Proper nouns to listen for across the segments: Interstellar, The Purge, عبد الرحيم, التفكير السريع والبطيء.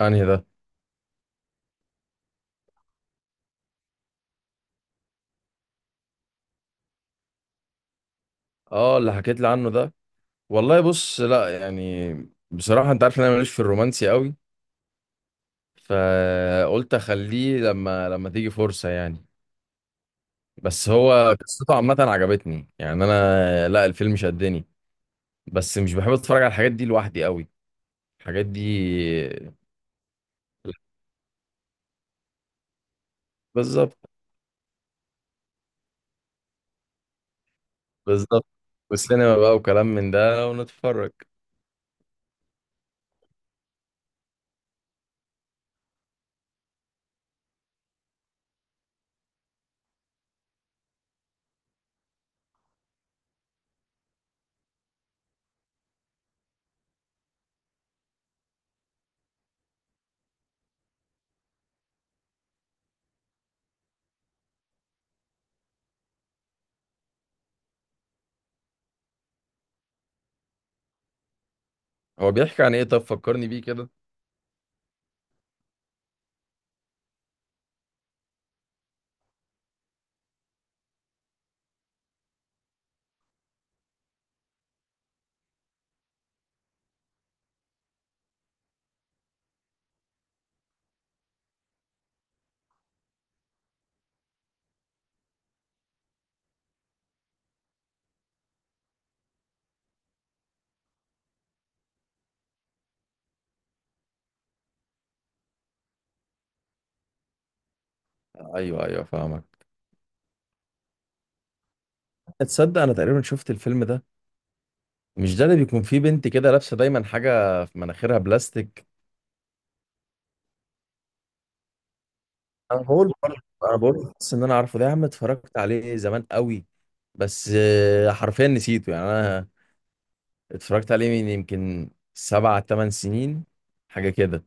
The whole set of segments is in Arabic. انهي ده؟ اه، اللي حكيت لي عنه ده. والله بص، لا يعني، بصراحة انت عارف ان انا ماليش في الرومانسي قوي. فقلت اخليه لما تيجي فرصة يعني. بس هو قصته عامة عجبتني، يعني انا، لا، الفيلم شدني. بس مش بحب اتفرج على الحاجات دي لوحدي قوي، الحاجات دي. بالظبط، بالظبط. والسينما بقى وكلام من ده ونتفرج. هو بيحكي عن ايه؟ طب فكرني بيه كده. ايوه، ايوه، فاهمك. تصدق انا تقريبا شفت الفيلم ده. مش ده اللي بيكون فيه بنت كده لابسه دايما حاجه في مناخيرها بلاستيك؟ انا بقول برضه، انا بقول بس ان انا عارفه ده يا عم، اتفرجت عليه زمان قوي. بس حرفيا نسيته يعني انا. اتفرجت عليه من يمكن سبع تمن سنين، حاجه كده.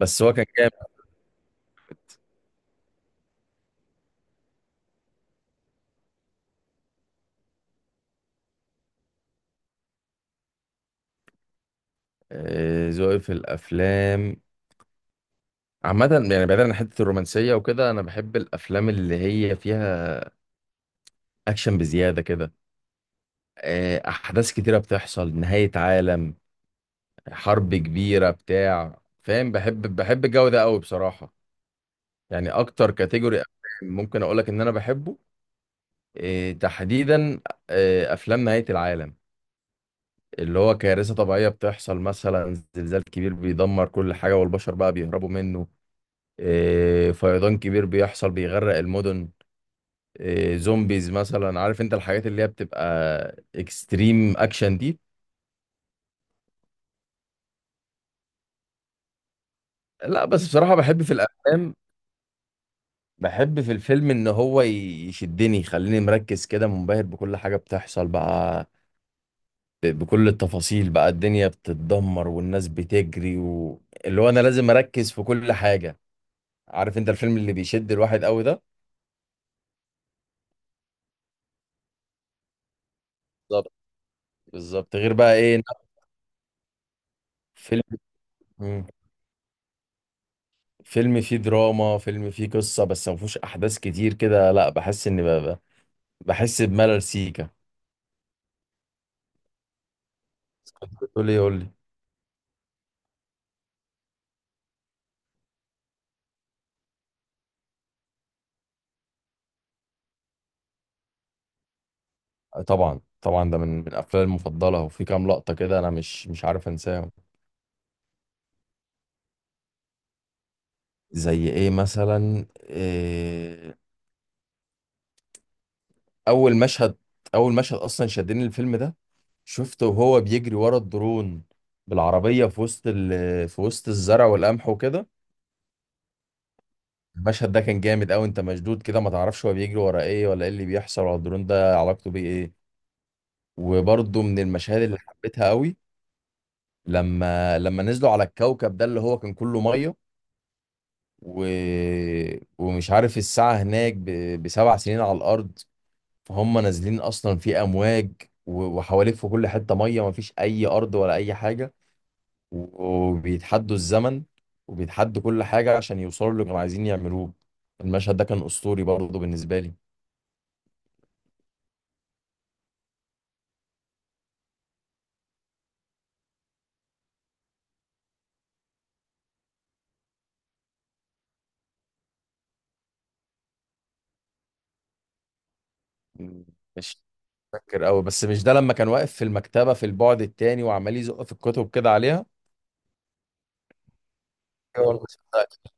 بس هو كان جامد. ذوقي في الافلام عامة، يعني بعيدا عن حتة الرومانسية وكده، أنا بحب الأفلام اللي هي فيها أكشن بزيادة كده. أحداث كتيرة بتحصل، نهاية عالم، حرب كبيرة، بتاع فاهم، بحب الجو ده قوي بصراحة. يعني اكتر كاتيجوري ممكن اقول لك ان انا بحبه، إيه تحديدا؟ إيه، افلام نهاية العالم، اللي هو كارثة طبيعية بتحصل، مثلا زلزال كبير بيدمر كل حاجة والبشر بقى بيهربوا منه، إيه، فيضان كبير بيحصل بيغرق المدن، إيه، زومبيز مثلا. عارف انت الحاجات اللي هي بتبقى اكستريم اكشن دي. لا، بس بصراحة بحب في الافلام، بحب في الفيلم ان هو يشدني، يخليني مركز كده منبهر بكل حاجة بتحصل بقى، بكل التفاصيل بقى، الدنيا بتتدمر والناس بتجري، اللي هو انا لازم اركز في كل حاجة، عارف انت الفيلم اللي بيشد الواحد قوي ده. بالظبط، بالظبط. غير بقى ايه إن فيلم مم. فيلم فيه دراما، فيلم فيه قصة بس ما فيهوش احداث كتير كده، لا، بحس ان بحس بملل سيكا. تقول لي يقول لي. طبعا، طبعا ده من افلامي المفضلة، وفي كام لقطة كده انا مش عارف انساهم. زي ايه مثلا؟ إيه، اول مشهد، اول مشهد اصلا شدني الفيلم ده، شفته وهو بيجري ورا الدرون بالعربية في وسط الزرع والقمح وكده. المشهد ده كان جامد قوي، انت مشدود كده ما تعرفش هو بيجري ورا ايه، ولا ايه اللي بيحصل، ولا الدرون ده علاقته بيه ايه. وبرضه من المشاهد اللي حبيتها قوي لما نزلوا على الكوكب ده اللي هو كان كله ميه، و... ومش عارف الساعة هناك بسبع سنين على الأرض، فهم نازلين اصلا في امواج، وحواليك في كل حته ميه، ما فيش اي ارض ولا اي حاجه، وبيتحدوا الزمن، وبيتحدوا كل حاجه عشان يوصلوا اللي كانوا عايزين يعملوه. المشهد ده كان اسطوري برضه بالنسبه لي. مم. ماشي. فاكر قوي، بس مش ده لما كان واقف في المكتبه في البعد التاني وعمال يزق في الكتب كده عليها؟ أيوة، المشهد ده.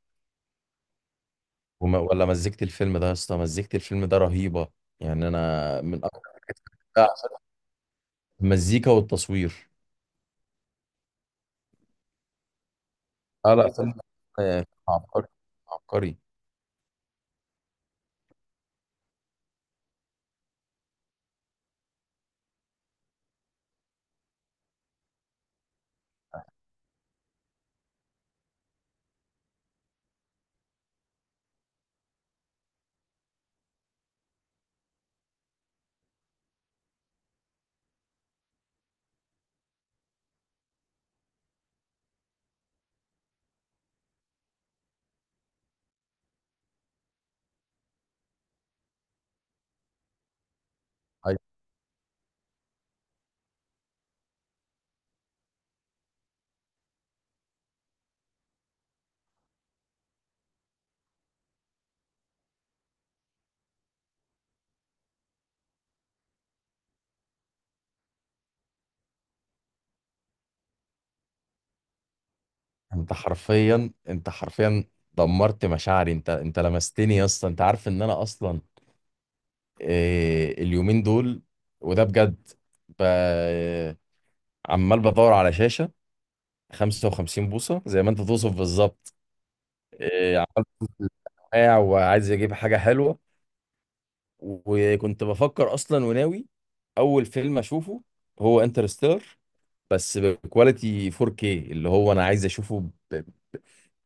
ولا مزجت الفيلم ده يا اسطى، مزجت الفيلم ده رهيبه، يعني انا من اكتر المزيكا والتصوير. اه، لا سلمى، عبقري، عبقري. أيوة. انت حرفيا دمرت مشاعري، انت لمستني يا اسطى. انت عارف ان انا اصلا، اليومين دول، وده بجد، ب... عمال بدور على شاشه 55 بوصه زي ما انت توصف بالظبط. آه، عمال واقع وعايز اجيب حاجه حلوه. وكنت بفكر اصلا وناوي اول فيلم اشوفه هو انترستيلر، بس بكواليتي 4K، اللي هو انا عايز اشوفه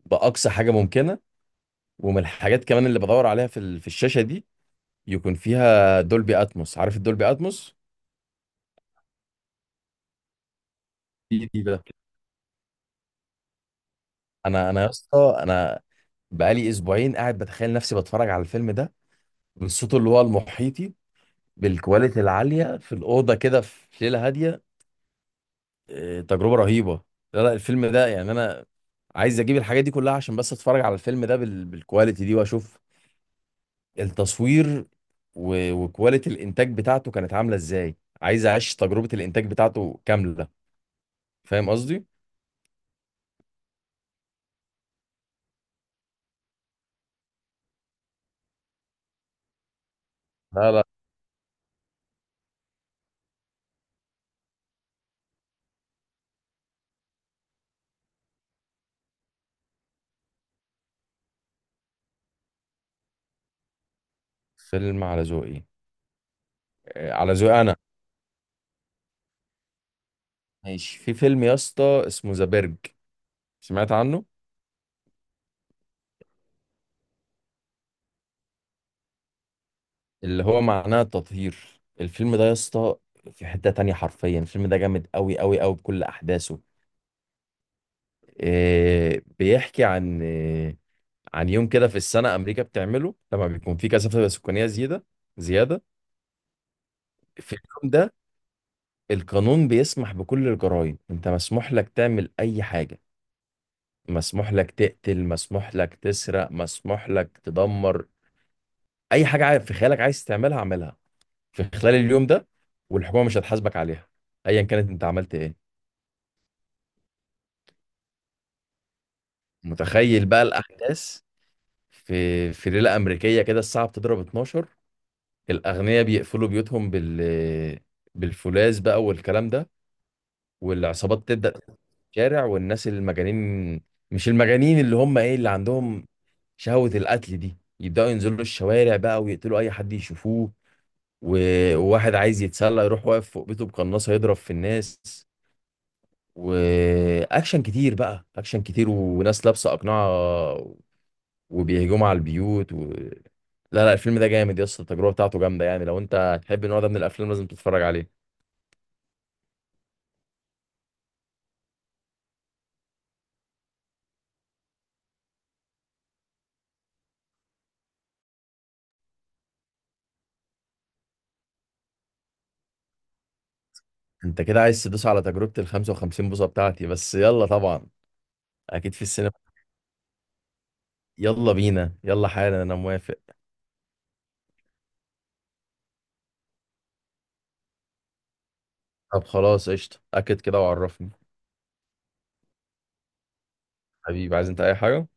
باقصى حاجه ممكنه. ومن الحاجات كمان اللي بدور عليها في الشاشه دي، يكون فيها دولبي اتموس. عارف الدولبي اتموس في دي ده. انا يا اسطى، انا بقالي اسبوعين قاعد بتخيل نفسي بتفرج على الفيلم ده بالصوت اللي هو المحيطي، بالكواليتي العاليه في الاوضه كده في ليله هاديه. إيه، تجربه رهيبه. لا، لا، الفيلم ده يعني انا عايز اجيب الحاجات دي كلها عشان بس اتفرج على الفيلم ده بالكواليتي دي، واشوف التصوير وكواليتي الانتاج بتاعته كانت عامله ازاي. عايز اعيش تجربه الانتاج بتاعته كامله، فاهم قصدي. لا، لا، فيلم على ذوقي، على ذوقي انا. ماشي، في فيلم يا اسطى اسمه ذا برج، سمعت عنه؟ اللي هو معناه التطهير. الفيلم ده يا اسطى في حته تانية، حرفيا الفيلم ده جامد قوي قوي قوي بكل احداثه. بيحكي عن عن يوم كده في السنه امريكا بتعمله لما بيكون في كثافه سكانيه زياده، زياده. في اليوم ده القانون بيسمح بكل الجرائم، انت مسموح لك تعمل اي حاجة، مسموح لك تقتل، مسموح لك تسرق، مسموح لك تدمر، اي حاجة في خيالك عايز تعملها اعملها في خلال اليوم ده، والحكومة مش هتحاسبك عليها ايا كانت انت عملت ايه. متخيل بقى الاحداث. في ليلة امريكية كده الساعة بتضرب 12، الاغنياء بيقفلوا بيوتهم بالفولاذ بقى والكلام ده، والعصابات تبدأ في الشارع، والناس المجانين، مش المجانين، اللي هم ايه، اللي عندهم شهوة القتل دي، يبدأوا ينزلوا الشوارع بقى ويقتلوا أي حد يشوفوه، وواحد عايز يتسلى يروح واقف فوق بيته بقناصة يضرب في الناس، وأكشن كتير بقى، أكشن كتير، وناس لابسة أقنعة وبيهجموا على البيوت. لا، لا، الفيلم ده جامد يا اسطى، التجربة بتاعته جامدة، يعني لو أنت تحب النوع ده من الأفلام لازم تتفرج عليه. أنت كده عايز تدوس على تجربة ال 55 بوصة بتاعتي؟ بس يلا طبعا. أكيد في السينما. يلا بينا، يلا حالا، أنا موافق. طب خلاص قشطة، أكد كده وعرفني. حبيبي، عايز انت اي حاجة؟